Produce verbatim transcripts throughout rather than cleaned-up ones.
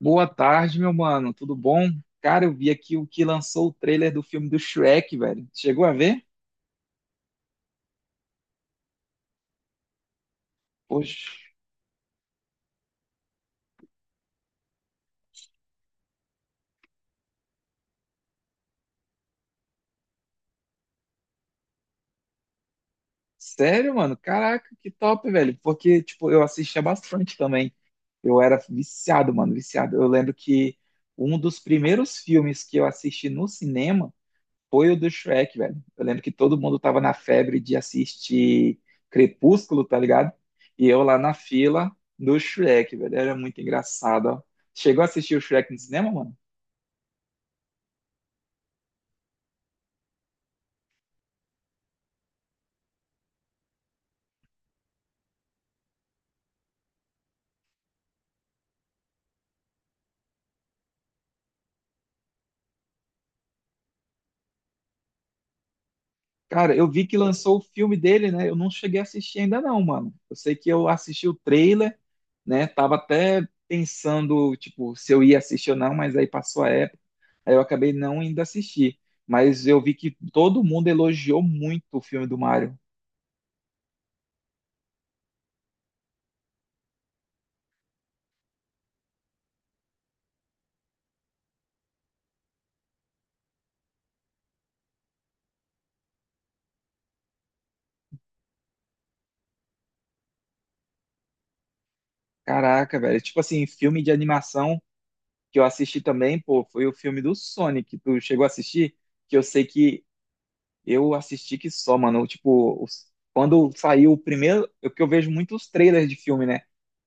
Boa tarde, meu mano. Tudo bom? Cara, eu vi aqui o que lançou o trailer do filme do Shrek, velho. Chegou a ver? Poxa, sério, mano? Caraca, que top, velho. Porque, tipo, eu assistia bastante também. Eu era viciado, mano, viciado. Eu lembro que um dos primeiros filmes que eu assisti no cinema foi o do Shrek, velho. Eu lembro que todo mundo tava na febre de assistir Crepúsculo, tá ligado? E eu lá na fila do Shrek, velho. Era muito engraçado, ó. Chegou a assistir o Shrek no cinema, mano? Cara, eu vi que lançou o filme dele, né? Eu não cheguei a assistir ainda não, mano. Eu sei que eu assisti o trailer, né? Tava até pensando, tipo, se eu ia assistir ou não, mas aí passou a época, aí eu acabei não indo assistir. Mas eu vi que todo mundo elogiou muito o filme do Mario. Caraca, velho. Tipo assim, filme de animação que eu assisti também, pô, foi o filme do Sonic. Tu chegou a assistir? Que eu sei que eu assisti que só, mano. Tipo, os- quando saiu o primeiro, é que eu vejo muitos trailers de filme, né?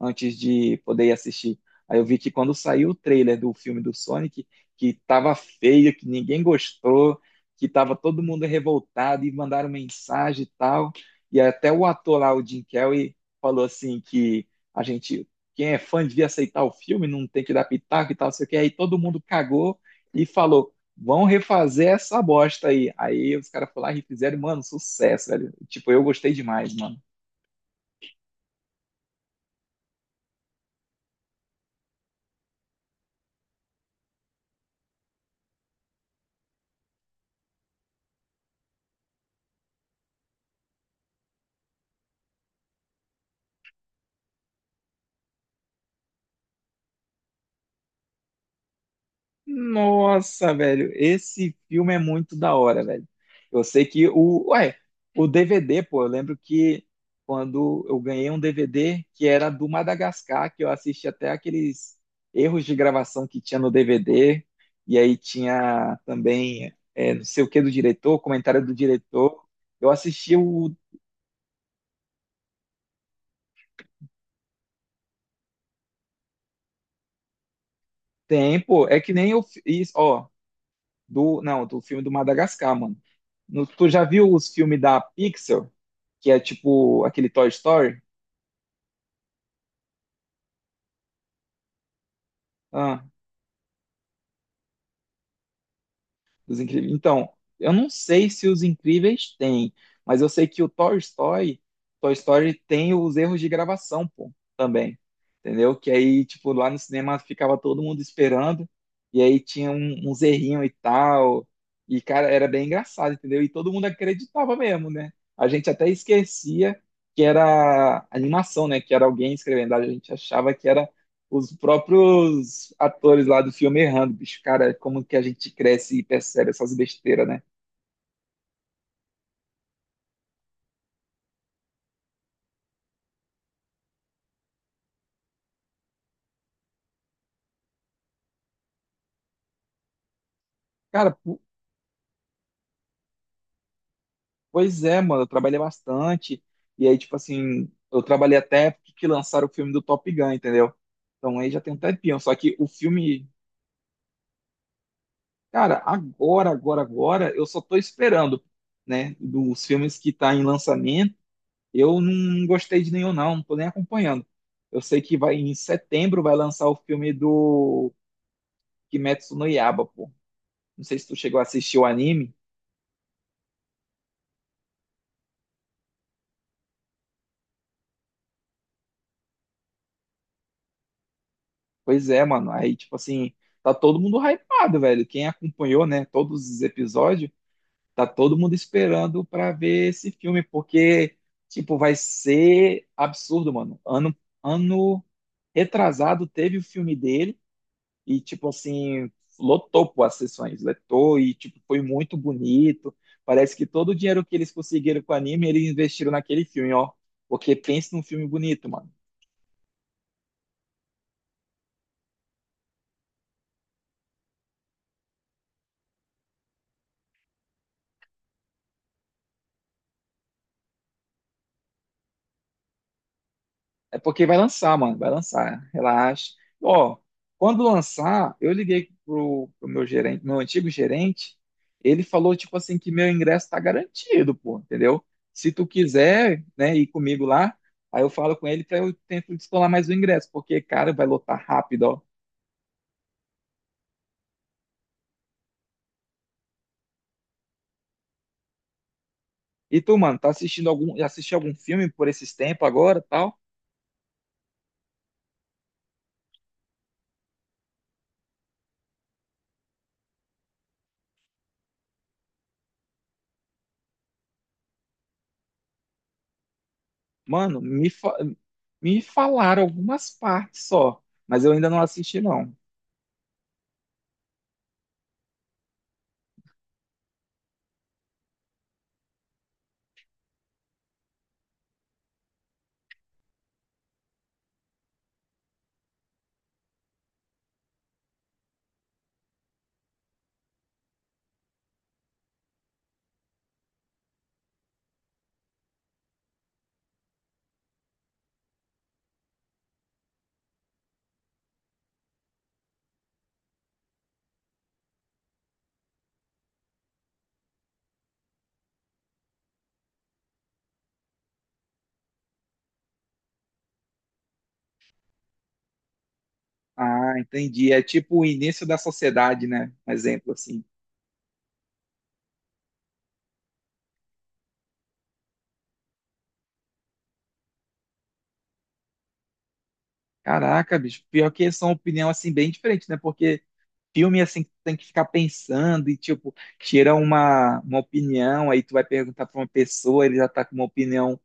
Antes de poder ir assistir. Aí eu vi que quando saiu o trailer do filme do Sonic, que tava feio, que ninguém gostou, que tava todo mundo revoltado e mandaram mensagem e tal. E até o ator lá, o Jim Carrey, falou assim que a gente, quem é fã devia aceitar o filme, não tem que dar pitaco e tal, não sei o quê. Aí todo mundo cagou e falou, vão refazer essa bosta aí. Aí os caras falaram, lá e fizeram, mano, sucesso, velho. Tipo, eu gostei demais, mano. Nossa, velho, esse filme é muito da hora, velho. Eu sei que o, ué, o D V D, pô, eu lembro que quando eu ganhei um D V D que era do Madagascar, que eu assisti até aqueles erros de gravação que tinha no D V D, e aí tinha também é, não sei o que do diretor, comentário do diretor. Eu assisti o tempo, é que nem eu fiz, ó, do, não, do filme do Madagascar, mano. No- tu já viu os filmes da Pixar, que é tipo aquele Toy Story? Ah, Os Incríveis. Então, eu não sei se os Incríveis têm, mas eu sei que o Toy Story, Toy Story tem os erros de gravação, pô, também. Entendeu? Que aí, tipo, lá no cinema ficava todo mundo esperando, e aí tinha um, uns errinhos e tal. E, cara, era bem engraçado, entendeu? E todo mundo acreditava mesmo, né? A gente até esquecia que era animação, né? Que era alguém escrevendo, a gente achava que era os próprios atores lá do filme errando, bicho. Cara, como que a gente cresce e percebe essas besteiras, né? Cara, po- pois é, mano, eu trabalhei bastante. E aí, tipo assim, eu trabalhei até a época que lançaram o filme do Top Gun, entendeu? Então aí já tem um tempinho. Só que o filme, cara, agora, agora, agora, eu só tô esperando, né? Dos filmes que tá em lançamento, eu não gostei de nenhum, não, não tô nem acompanhando. Eu sei que vai em setembro vai lançar o filme do Kimetsu no Yaiba, pô. Não sei se tu chegou a assistir o anime. Pois é, mano. Aí, tipo assim, tá todo mundo hypado, velho. Quem acompanhou, né, todos os episódios, tá todo mundo esperando pra ver esse filme, porque, tipo, vai ser absurdo, mano. Ano, ano retrasado teve o filme dele e, tipo assim, lotou pô, as sessões, lotou e, tipo, foi muito bonito. Parece que todo o dinheiro que eles conseguiram com o anime, eles investiram naquele filme, ó. Porque pensa num filme bonito, mano. É porque vai lançar, mano. Vai lançar. Relaxa. Ó, quando lançar, eu liguei pro, pro meu gerente, meu antigo gerente. Ele falou, tipo assim, que meu ingresso tá garantido, pô, entendeu? Se tu quiser, né, ir comigo lá, aí eu falo com ele pra eu tento descolar mais o ingresso, porque, cara, vai lotar rápido, ó. E tu, mano, tá assistindo algum, assistiu algum filme por esses tempos agora, tal? Mano, me, fa- me falaram algumas partes só, mas eu ainda não assisti, não. Ah, entendi. É tipo o início da sociedade, né? Um exemplo assim. Caraca, bicho, pior que são opinião assim bem diferente, né? Porque filme assim que tu tem que ficar pensando e tipo, tira uma, uma opinião, aí tu vai perguntar pra uma pessoa, ele já tá com uma opinião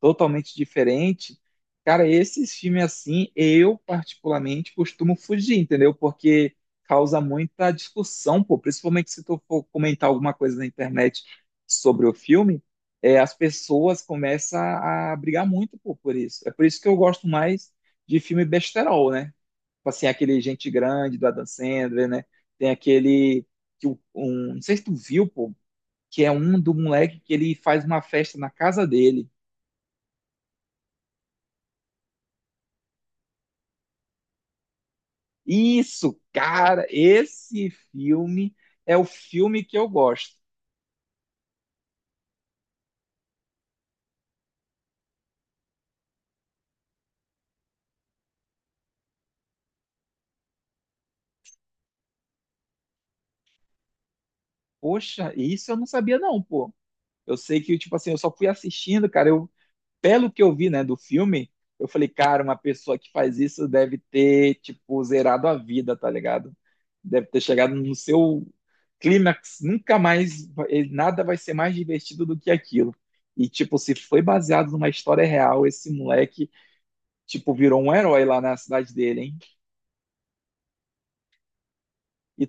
totalmente diferente. Cara, esses filmes assim, eu particularmente costumo fugir, entendeu? Porque causa muita discussão, pô. Principalmente se tu for comentar alguma coisa na internet sobre o filme, é, as pessoas começam a brigar muito, pô, por isso. É por isso que eu gosto mais de filme besterol, né? Tipo assim, aquele Gente Grande do Adam Sandler, né? Tem aquele que o- um, não sei se tu viu, pô, que é um do moleque que ele faz uma festa na casa dele. Isso, cara, esse filme é o filme que eu gosto. Poxa, isso eu não sabia não, pô. Eu sei que, tipo assim, eu só fui assistindo, cara, eu, pelo que eu vi, né, do filme, eu falei, cara, uma pessoa que faz isso deve ter, tipo, zerado a vida, tá ligado? Deve ter chegado no seu clímax, nunca mais, vai- nada vai ser mais divertido do que aquilo. E, tipo, se foi baseado numa história real, esse moleque, tipo, virou um herói lá na cidade dele, hein? E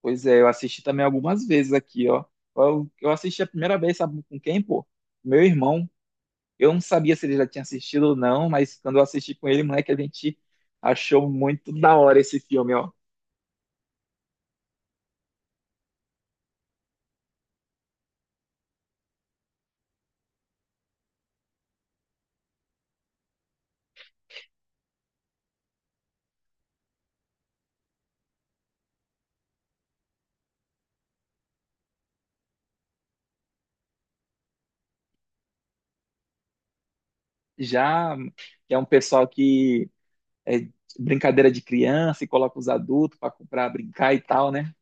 pois é, eu assisti também algumas vezes aqui, ó. Eu, eu assisti a primeira vez, sabe com quem, pô? Meu irmão. Eu não sabia se ele já tinha assistido ou não, mas quando eu assisti com ele, moleque, a gente achou muito da hora esse filme, ó. Já que é um pessoal que é brincadeira de criança e coloca os adultos pra, pra brincar e tal, né?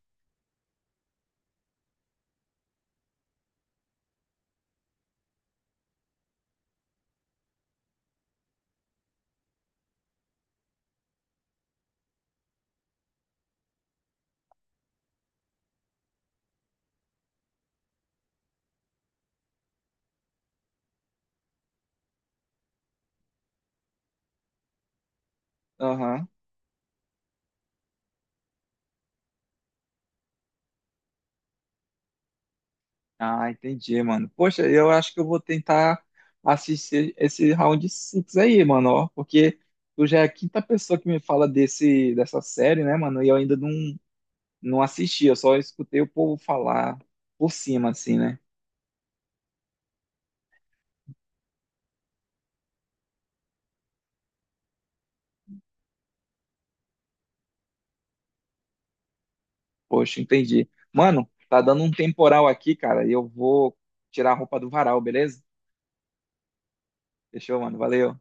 Aham. Ah, entendi, mano. Poxa, eu acho que eu vou tentar assistir esse Round Six aí, mano, ó, porque tu já é a quinta pessoa que me fala desse, dessa série, né, mano, e eu ainda não, não assisti, eu só escutei o povo falar por cima, assim, né? Poxa, entendi. Mano, tá dando um temporal aqui, cara, e eu vou tirar a roupa do varal, beleza? Fechou, mano, valeu.